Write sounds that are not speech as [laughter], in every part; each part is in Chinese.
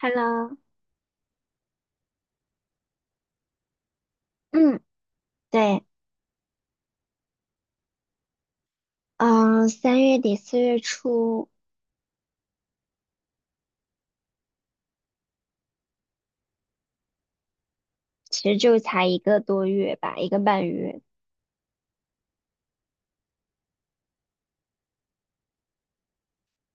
Hello，嗯，对，嗯，3月底4月初，其实就才1个多月吧，1个半月。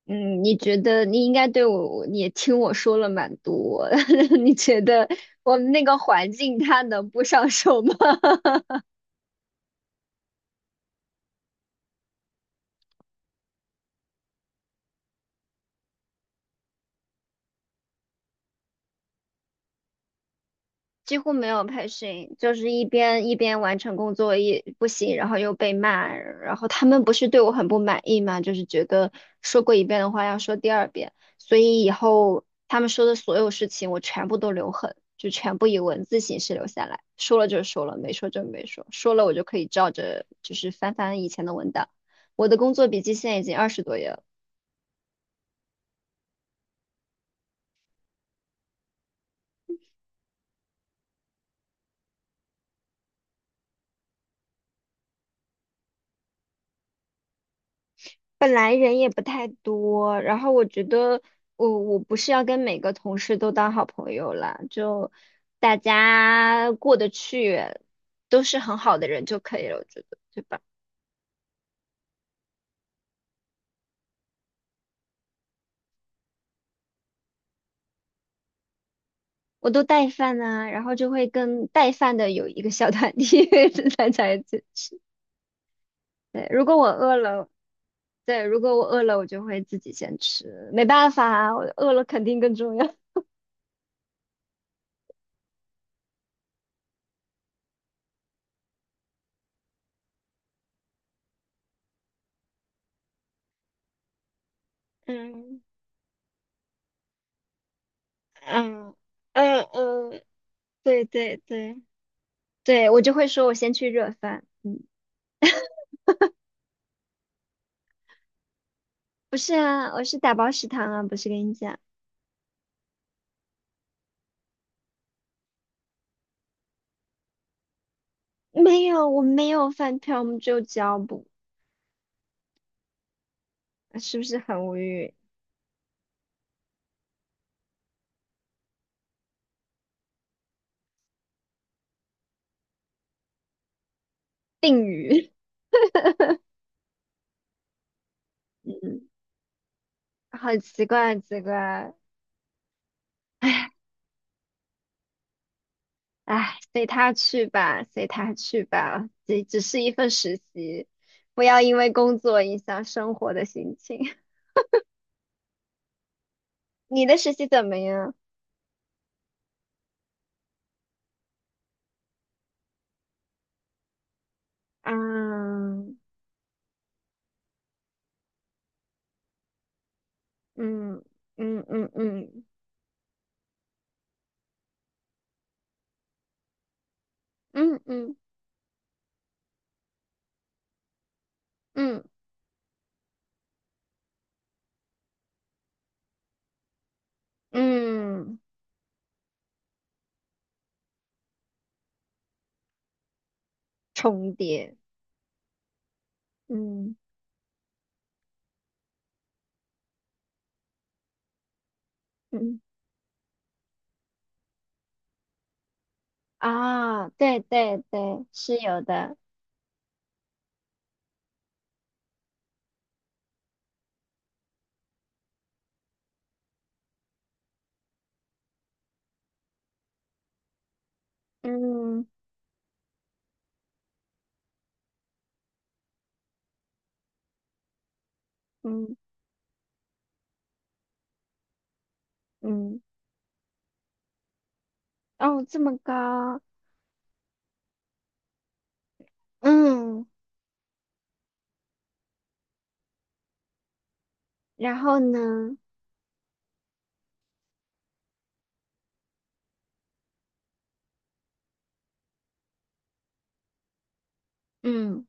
嗯，你觉得你应该对我，你也听我说了蛮多。[laughs] 你觉得我们那个环境他能不上手吗？几乎没有培训，就是一边一边完成工作一不行，然后又被骂，然后他们不是对我很不满意嘛，就是觉得说过一遍的话要说第二遍，所以以后他们说的所有事情我全部都留痕，就全部以文字形式留下来，说了就说了，没说就没说，说了我就可以照着就是翻翻以前的文档。我的工作笔记现在已经20多页了。本来人也不太多，然后我觉得我不是要跟每个同事都当好朋友了，就大家过得去，都是很好的人就可以了，我觉得，对吧？我都带饭呢，然后就会跟带饭的有一个小团体 [laughs] 大家一起吃。对，如果我饿了，对，如果我饿了，我就会自己先吃，没办法啊，我饿了肯定更重要。[laughs] 嗯嗯嗯嗯，对对对。对，我就会说我先去热饭。不是啊，我是打包食堂啊，不是跟你讲。没有，我没有饭票，我们只有胶布，是不是很无语？定语。[laughs] 嗯，好奇怪，很奇怪。唉唉，随他去吧，随他去吧，这只是一份实习，不要因为工作影响生活的心情。[laughs] 你的实习怎么样？嗯嗯嗯嗯嗯嗯嗯嗯嗯，重叠。嗯嗯，啊，对对对，是有的。嗯嗯嗯，哦，这么高。嗯，然后呢？嗯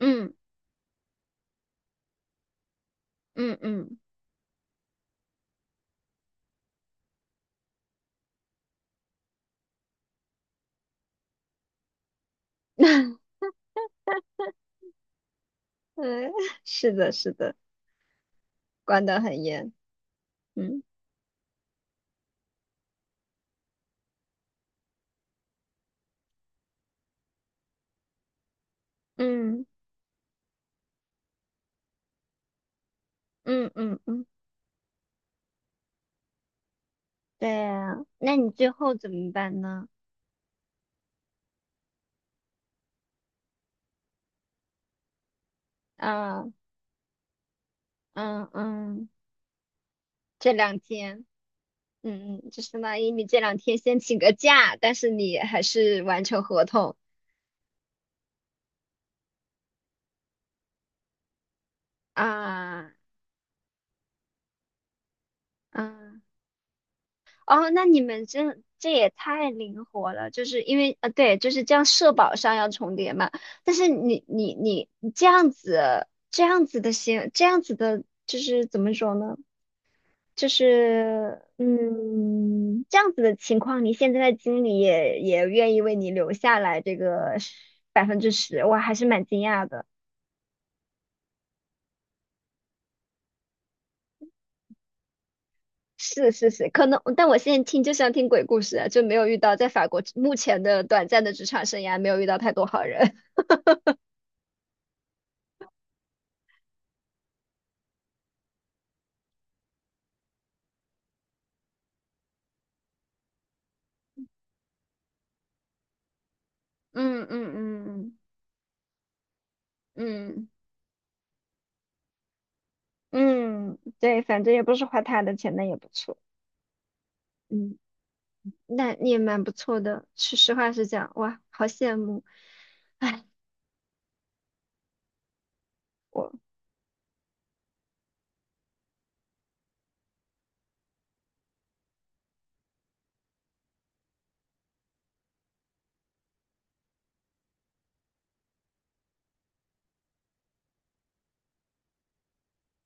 嗯嗯嗯嗯，[laughs] 是的，是的，管得很严。嗯嗯嗯嗯嗯，对啊，那你最后怎么办呢？啊，嗯嗯，这两天，嗯嗯，就相当于你这两天先请个假，但是你还是完成合同啊。啊。哦，那你们这也太灵活了，就是因为对，就是这样社保上要重叠嘛。但是你这样子这样子的行，这样子的，就是怎么说呢？就是这样子的情况，你现在的经理也愿意为你留下来这个10%，我还是蛮惊讶的。是是是，可能，但我现在听就像听鬼故事啊就没有遇到在法国目前的短暂的职场生涯，没有遇到太多好人。嗯嗯嗯嗯嗯，对，反正也不是花他的钱，那也不错。嗯，那你也蛮不错的。是实话实讲，哇，好羡慕。哎，我，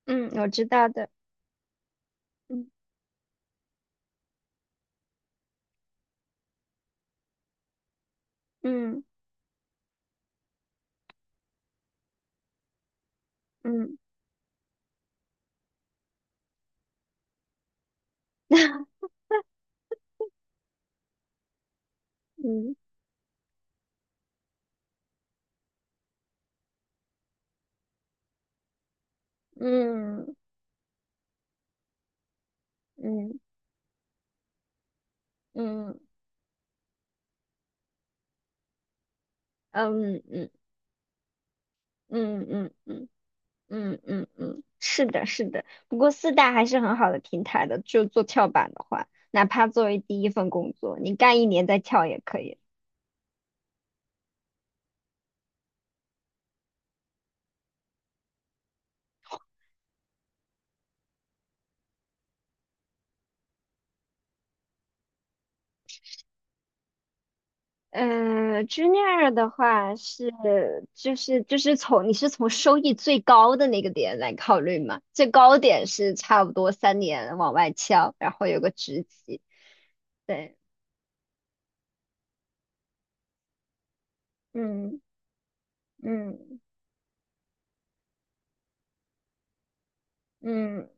嗯，我知道的。嗯嗯嗯 [laughs] 嗯嗯嗯嗯嗯嗯嗯嗯嗯嗯嗯嗯，是的，是的。不过四大还是很好的平台的，就做跳板的话，哪怕作为第一份工作，你干1年再跳也可以。嗯 junior 的话是就是从你是从收益最高的那个点来考虑嘛，最高点是差不多3年往外翘，然后有个职级，对。嗯嗯嗯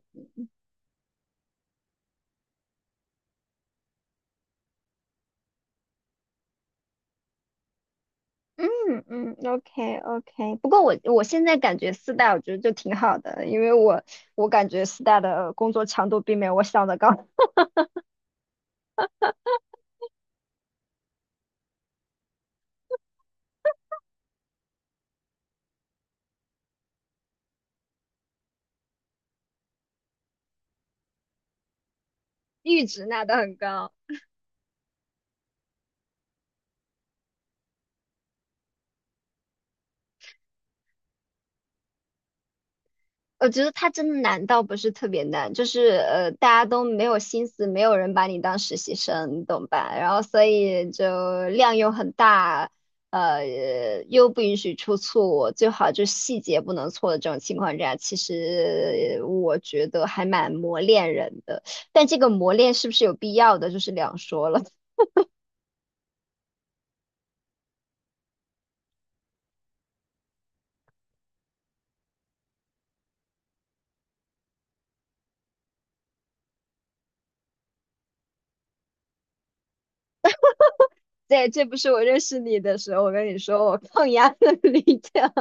嗯嗯，OK OK。不过我现在感觉四大我觉得就挺好的，因为我感觉四大的工作强度并没有我想的高。[laughs] 阈值拿的很高。我觉得它真的难倒不是特别难，就是大家都没有心思，没有人把你当实习生，你懂吧？然后所以就量又很大，呃，又不允许出错，最好就细节不能错的这种情况下，其实我觉得还蛮磨练人的。但这个磨练是不是有必要的，就是两说了。[laughs] 对，这不是我认识你的时候，我跟你说我 [laughs] 抗压的 [laughs] 理强。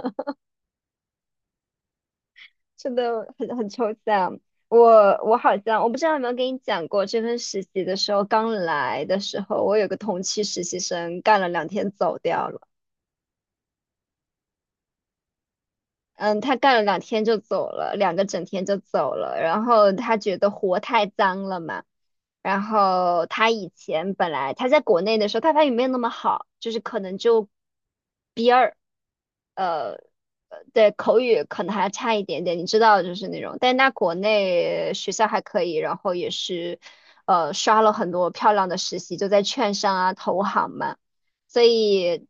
真的很抽象。我好像我不知道有没有跟你讲过，这份实习的时候刚来的时候，我有个同期实习生干了两天走掉了。嗯，他干了两天就走了，2个整天就走了。然后他觉得活太脏了嘛。然后他以前本来他在国内的时候，他法语没有那么好，就是可能就对口语可能还差一点点，你知道就是那种，但他国内学校还可以，然后也是，刷了很多漂亮的实习，就在券商啊、投行嘛。所以，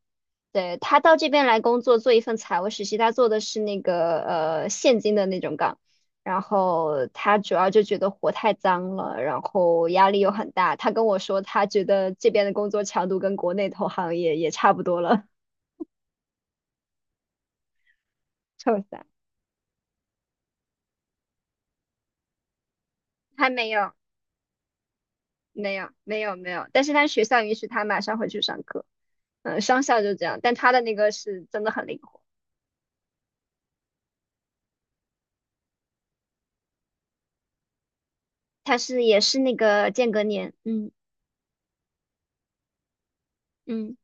对，他到这边来工作，做一份财务实习，他做的是那个现金的那种岗。然后他主要就觉得活太脏了，然后压力又很大，他跟我说他觉得这边的工作强度跟国内投行也差不多了。[laughs] 臭三还没有。没有没有没有，但是他学校允许他马上回去上课。嗯，商校就这样，但他的那个是真的很灵活，他是也是那个间隔年。嗯嗯，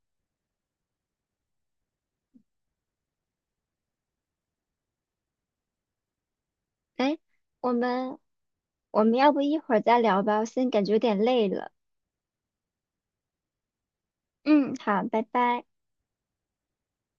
哎，我们我们要不一会儿再聊吧，我现在感觉有点累了。嗯，好，拜拜。